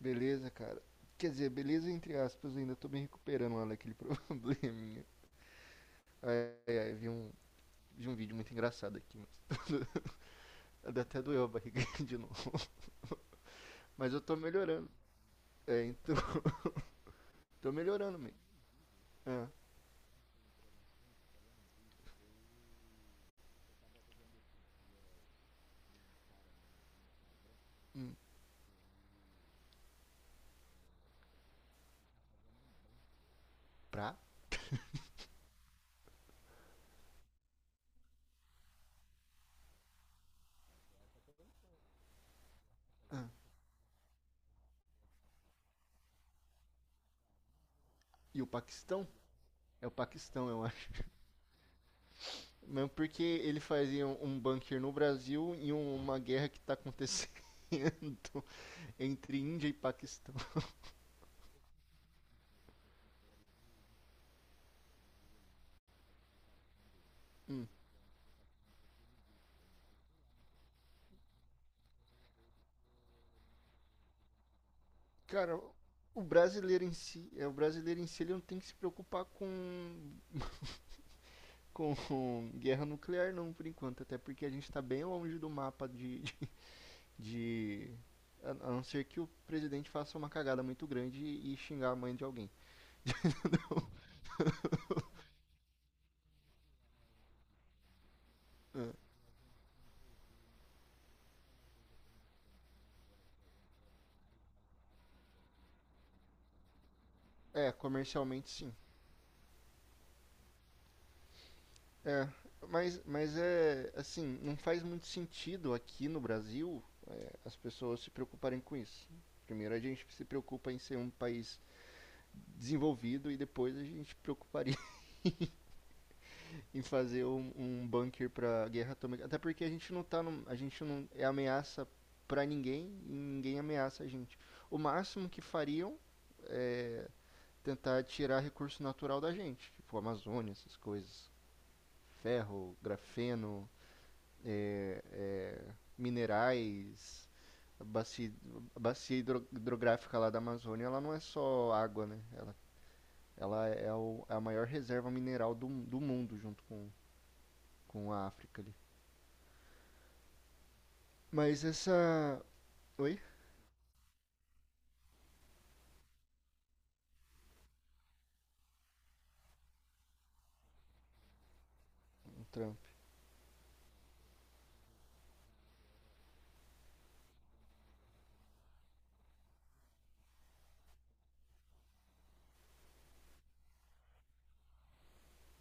Beleza, cara. Quer dizer, beleza entre aspas, ainda tô me recuperando lá daquele probleminha. Ai, ai, ai, vi um vídeo muito engraçado aqui, mas até doeu a barriga de novo. Mas eu tô melhorando. É, então, tô melhorando, mesmo. Ah. Hum. Pra? Ah. E o Paquistão? É o Paquistão, eu acho. Mesmo porque ele fazia um bunker no Brasil e uma guerra que tá acontecendo entre Índia e Paquistão. Hum. Cara, o brasileiro em si ele não tem que se preocupar com guerra nuclear não, por enquanto, até porque a gente está bem longe do mapa de- a não ser que o presidente faça uma cagada muito grande e xingar a mãe de alguém. É, é, comercialmente sim. É, mas é assim, não faz muito sentido aqui no Brasil as pessoas se preocuparem com isso. Primeiro a gente se preocupa em ser um país desenvolvido e depois a gente preocuparia em fazer um bunker pra guerra atômica. Até porque a gente não é ameaça pra ninguém e ninguém ameaça a gente. O máximo que fariam é tentar tirar recurso natural da gente, tipo Amazônia, essas coisas, ferro, grafeno, minerais, a bacia, a bacia hidrográfica lá da Amazônia, ela não é só água, né? Ela é é a maior reserva mineral do mundo junto com a África ali. Mas essa. Oi? O Trump.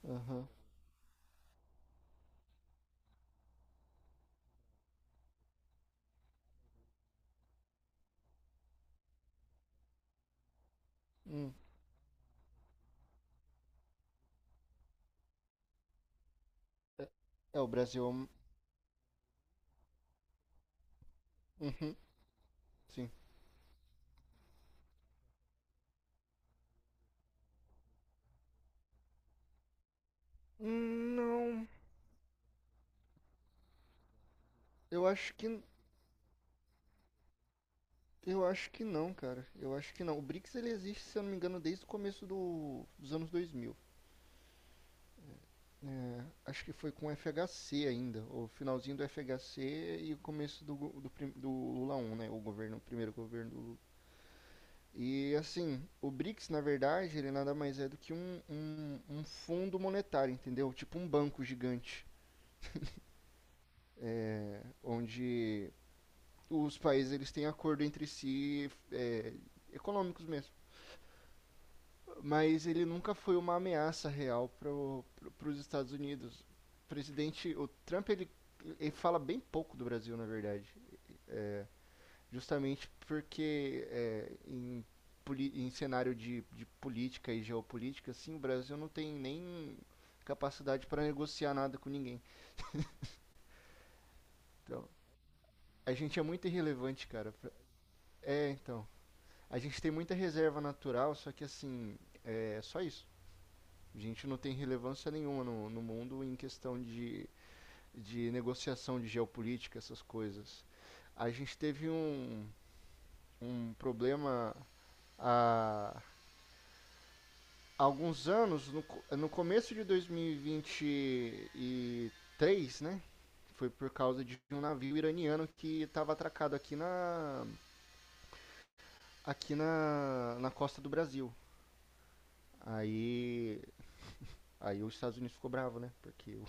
Aham. Hum. É, o Brasil. Uhum. Sim. Hum. Não. Eu acho que. Eu acho que não, cara. Eu acho que não. O BRICS ele existe, se eu não me engano, desde o dos anos 2000. É, acho que foi com o FHC ainda. O finalzinho do FHC e o começo do, go- do, prim- do Lula um, né? O governo, o primeiro governo do Lula. E assim, o BRICS, na verdade, ele nada mais é do que um fundo monetário, entendeu? Tipo um banco gigante. É, onde os países eles têm acordo entre si, é, econômicos mesmo. Mas ele nunca foi uma ameaça real para os Estados Unidos. O presidente, o Trump, ele fala bem pouco do Brasil, na verdade. É, justamente porque em cenário de política e geopolítica, assim, o Brasil não tem nem capacidade para negociar nada com ninguém. Então, a gente é muito irrelevante, cara. É, então. A gente tem muita reserva natural, só que assim, é só isso. A gente não tem relevância nenhuma no mundo em questão de negociação de geopolítica, essas coisas. A gente teve um problema há alguns anos, no começo de 2023, né? Foi por causa de um navio iraniano que estava atracado aqui na costa do Brasil. Aí Aí os Estados Unidos ficou bravo, né? Porque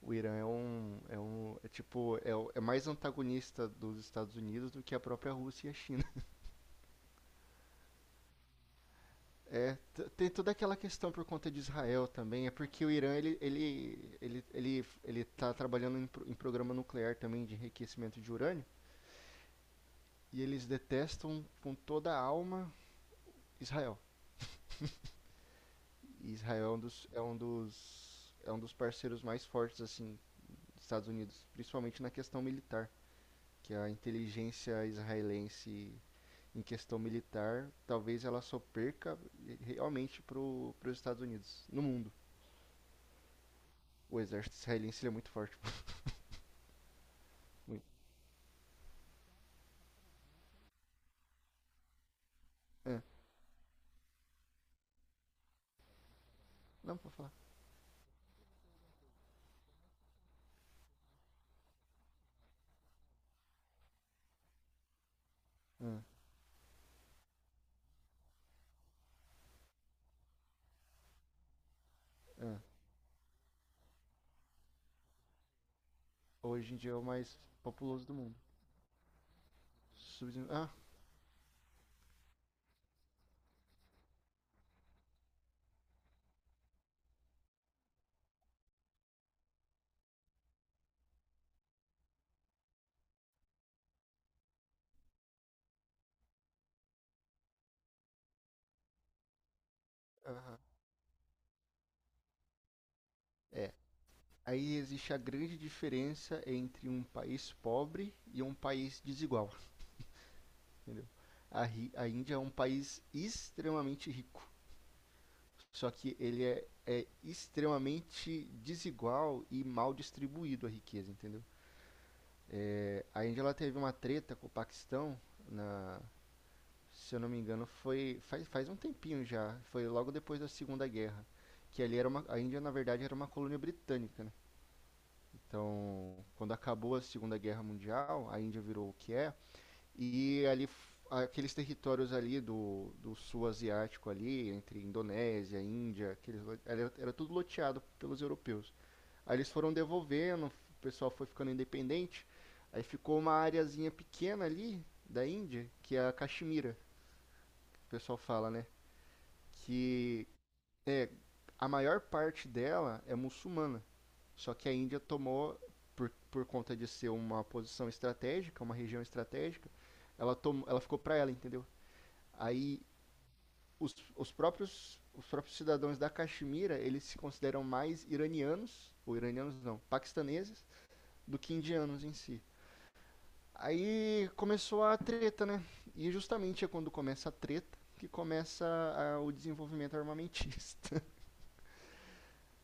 o Irã é mais antagonista dos Estados Unidos do que a própria Rússia e a China. É, tem toda aquela questão por conta de Israel também. É porque o Irã ele tá trabalhando em programa nuclear também de enriquecimento de urânio e eles detestam com toda a alma Israel. E Israel é é um dos parceiros mais fortes assim dos Estados Unidos, principalmente na questão militar. Que a inteligência israelense em questão militar, talvez ela só perca realmente para os Estados Unidos, no mundo. O exército israelense ele é muito forte. Muito. Ah, não, pode falar. Ah. Ah, Hoje em dia é o mais populoso do mundo. Ah. Ah, é. Aí existe a grande diferença entre um país pobre e um país desigual, entendeu? A, a Índia é um país extremamente rico. Só que ele é extremamente desigual e mal distribuído a riqueza, entendeu? É, a Índia ela teve uma treta com o Paquistão, na, se eu não me engano, foi faz um tempinho já, foi logo depois da Segunda Guerra, que ali a Índia na verdade era uma colônia britânica, né? Então, quando acabou a Segunda Guerra Mundial, a Índia virou o que é, e ali, aqueles territórios ali do sul asiático ali, entre Indonésia, Índia, aqueles, era tudo loteado pelos europeus. Aí eles foram devolvendo, o pessoal foi ficando independente, aí ficou uma areazinha pequena ali da Índia, que é a Caxemira, que o pessoal fala, né? Que é, a maior parte dela é muçulmana, só que a Índia tomou, por conta de ser uma posição estratégica, uma região estratégica, ela, tom, ela ficou pra ela, entendeu? Aí os próprios cidadãos da Caxemira, eles se consideram mais iranianos, ou iranianos não, paquistaneses, do que indianos em si. Aí começou a treta, né? E justamente é quando começa a treta que começa o desenvolvimento armamentista.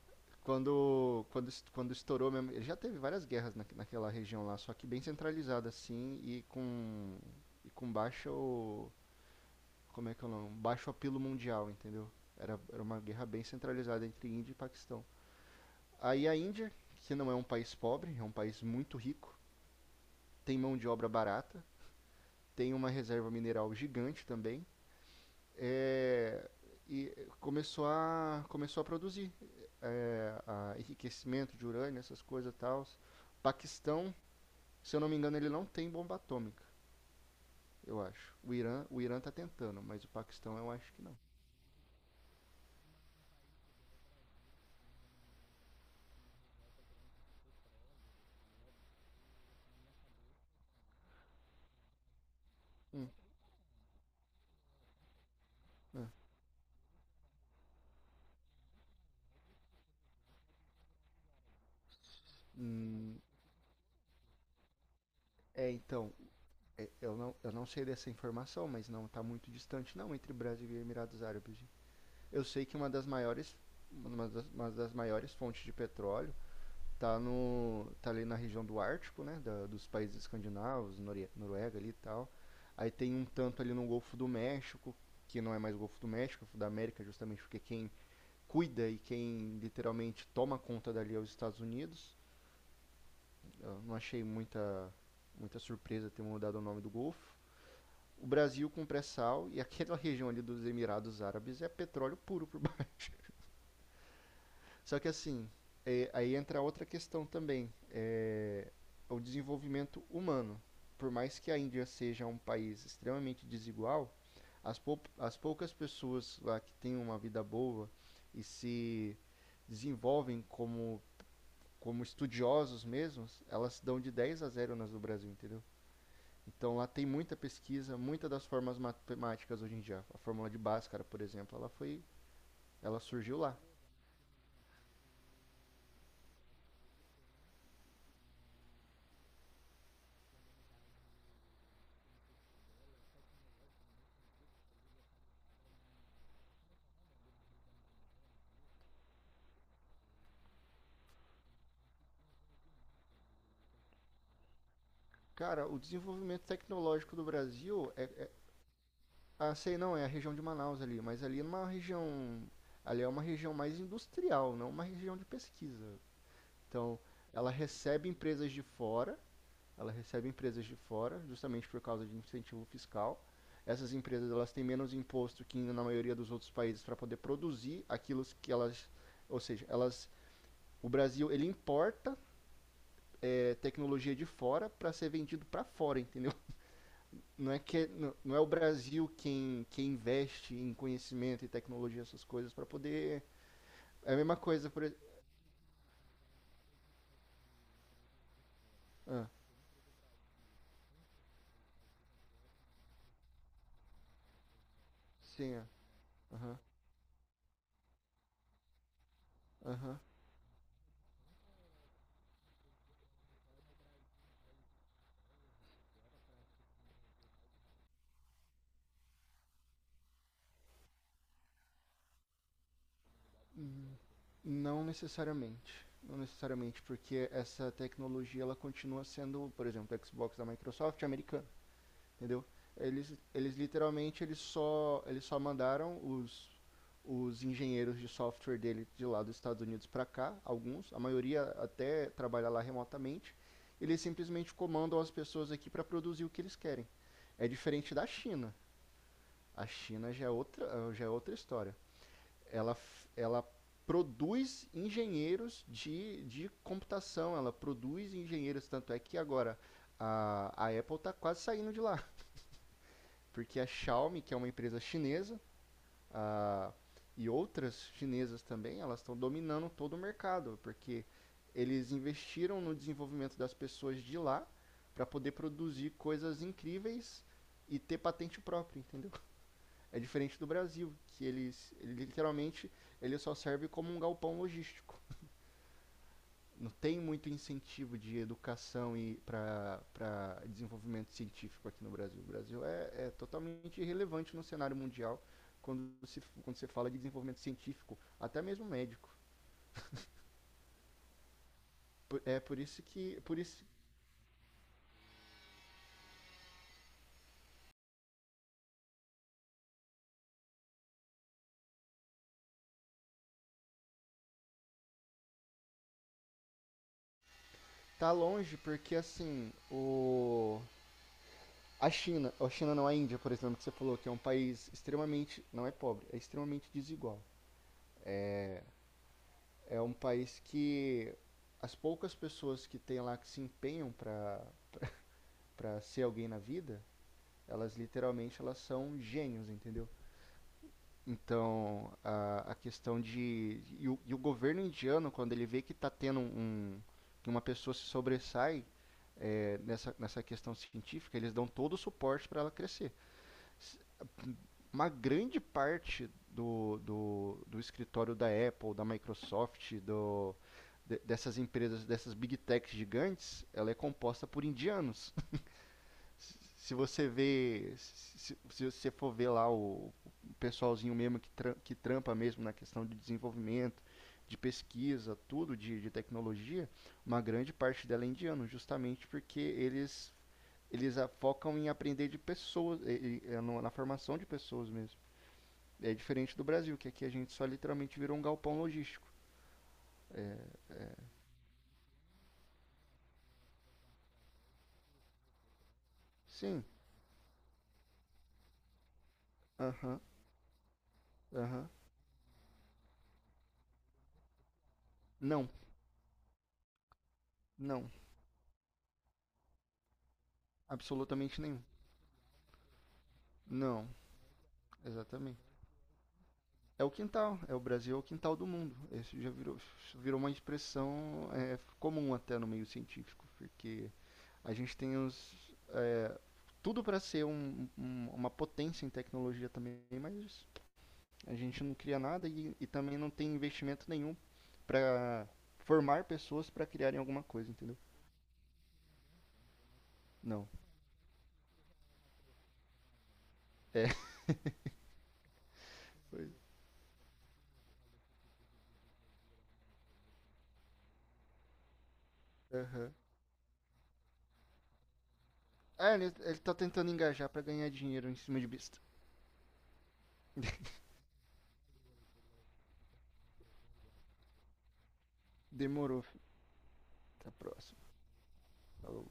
quando estourou mesmo. Ele já teve várias guerras na, naquela região lá, só que bem centralizada assim e com baixa como é que é o nome? Um baixo apelo mundial, entendeu? Era uma guerra bem centralizada entre Índia e Paquistão. Aí a Índia, que não é um país pobre, é um país muito rico, tem mão de obra barata, tem uma reserva mineral gigante também, é, e começou a produzir, é, a enriquecimento de urânio, essas coisas e tal. Paquistão, se eu não me engano, ele não tem bomba atômica, eu acho. O Irã tá tentando, mas o Paquistão eu acho que não. Hum. Hum. É, então, é, eu não sei dessa informação, mas não está muito distante não entre Brasil e Emirados Árabes. Eu sei que uma das maiores fontes de petróleo está tá ali na região do Ártico, né, dos países escandinavos, Noruega ali e tal. Aí tem um tanto ali no Golfo do México, que não é mais o Golfo do México, é o Golfo da América, justamente porque quem cuida e quem literalmente toma conta dali é os Estados Unidos. Eu não achei muita surpresa ter mudado o nome do Golfo. O Brasil com pré-sal e aquela região ali dos Emirados Árabes é petróleo puro por baixo. Só que assim, é, aí entra outra questão também, é o desenvolvimento humano. Por mais que a Índia seja um país extremamente desigual, as poucas pessoas lá que têm uma vida boa e se desenvolvem como estudiosos mesmos, elas dão de 10 a zero nas do Brasil, entendeu? Então lá tem muita pesquisa, muitas das formas matemáticas hoje em dia. A fórmula de Bhaskara, por exemplo, ela surgiu lá. Cara, o desenvolvimento tecnológico do Brasil é ah, sei não, é a região de Manaus ali, mas ali é uma região mais industrial, não uma região de pesquisa. Então, Ela recebe empresas de fora, ela recebe empresas de fora, justamente por causa de incentivo fiscal. Essas empresas elas têm menos imposto que na maioria dos outros países para poder produzir aquilo que elas, ou seja, elas. O Brasil, ele importa, é, tecnologia de fora para ser vendido para fora, entendeu? Não é, que, é, não, não é o Brasil quem investe em conhecimento e tecnologia, essas coisas, para poder. É a mesma coisa, por exemplo. Ah, sim, ah, aham, aham. Não necessariamente. Não necessariamente, porque essa tecnologia ela continua sendo, por exemplo, o Xbox da Microsoft americana. Entendeu? Eles só mandaram os engenheiros de software dele de lá dos Estados Unidos para cá, alguns, a maioria até trabalha lá remotamente. Eles simplesmente comandam as pessoas aqui para produzir o que eles querem. É diferente da China. A China já é outra história. Ela, Ela produz engenheiros de computação, ela produz engenheiros, tanto é que agora a Apple está quase saindo de lá. Porque a Xiaomi, que é uma empresa chinesa, ah, e outras chinesas também, elas estão dominando todo o mercado, porque eles investiram no desenvolvimento das pessoas de lá para poder produzir coisas incríveis e ter patente própria, entendeu? É diferente do Brasil, que ele literalmente ele só serve como um galpão logístico, não tem muito incentivo de educação e para desenvolvimento científico aqui no Brasil. O Brasil é totalmente irrelevante no cenário mundial quando se quando você fala de desenvolvimento científico, até mesmo médico. Por isso tá longe, porque assim, o a China não a Índia, por exemplo, que você falou que é um país extremamente, não é pobre, é extremamente desigual. É um país que as poucas pessoas que tem lá que se empenham para ser alguém na vida, elas literalmente elas são gênios, entendeu? A questão de. E o governo indiano, quando ele vê que está tendo um, um, que uma pessoa se sobressai, eh, nessa questão científica, eles dão todo o suporte para ela crescer. S- Uma grande parte do escritório da Apple, da Microsoft, dessas empresas, dessas big techs gigantes, ela é composta por indianos. Se você vê, se você for ver lá o pessoalzinho mesmo que, que trampa mesmo na questão de desenvolvimento, de pesquisa, tudo de tecnologia, uma grande parte dela é indiano, justamente porque eles focam em aprender de pessoas, é na formação de pessoas mesmo. É diferente do Brasil, que aqui a gente só literalmente virou um galpão logístico. Sim, aham, aham. Não, não, absolutamente nenhum. Não, exatamente. É o quintal, é o Brasil é o quintal do mundo. Isso já virou, virou uma expressão, é, comum até no meio científico, porque a gente tem os, é, tudo para ser uma potência em tecnologia também, mas a gente não cria nada e também não tem investimento nenhum para formar pessoas para criarem alguma coisa, entendeu? Não. É. Aham. Ah, ele tá tentando engajar para ganhar dinheiro em cima de besta. Demorou. Até a próxima. Falou.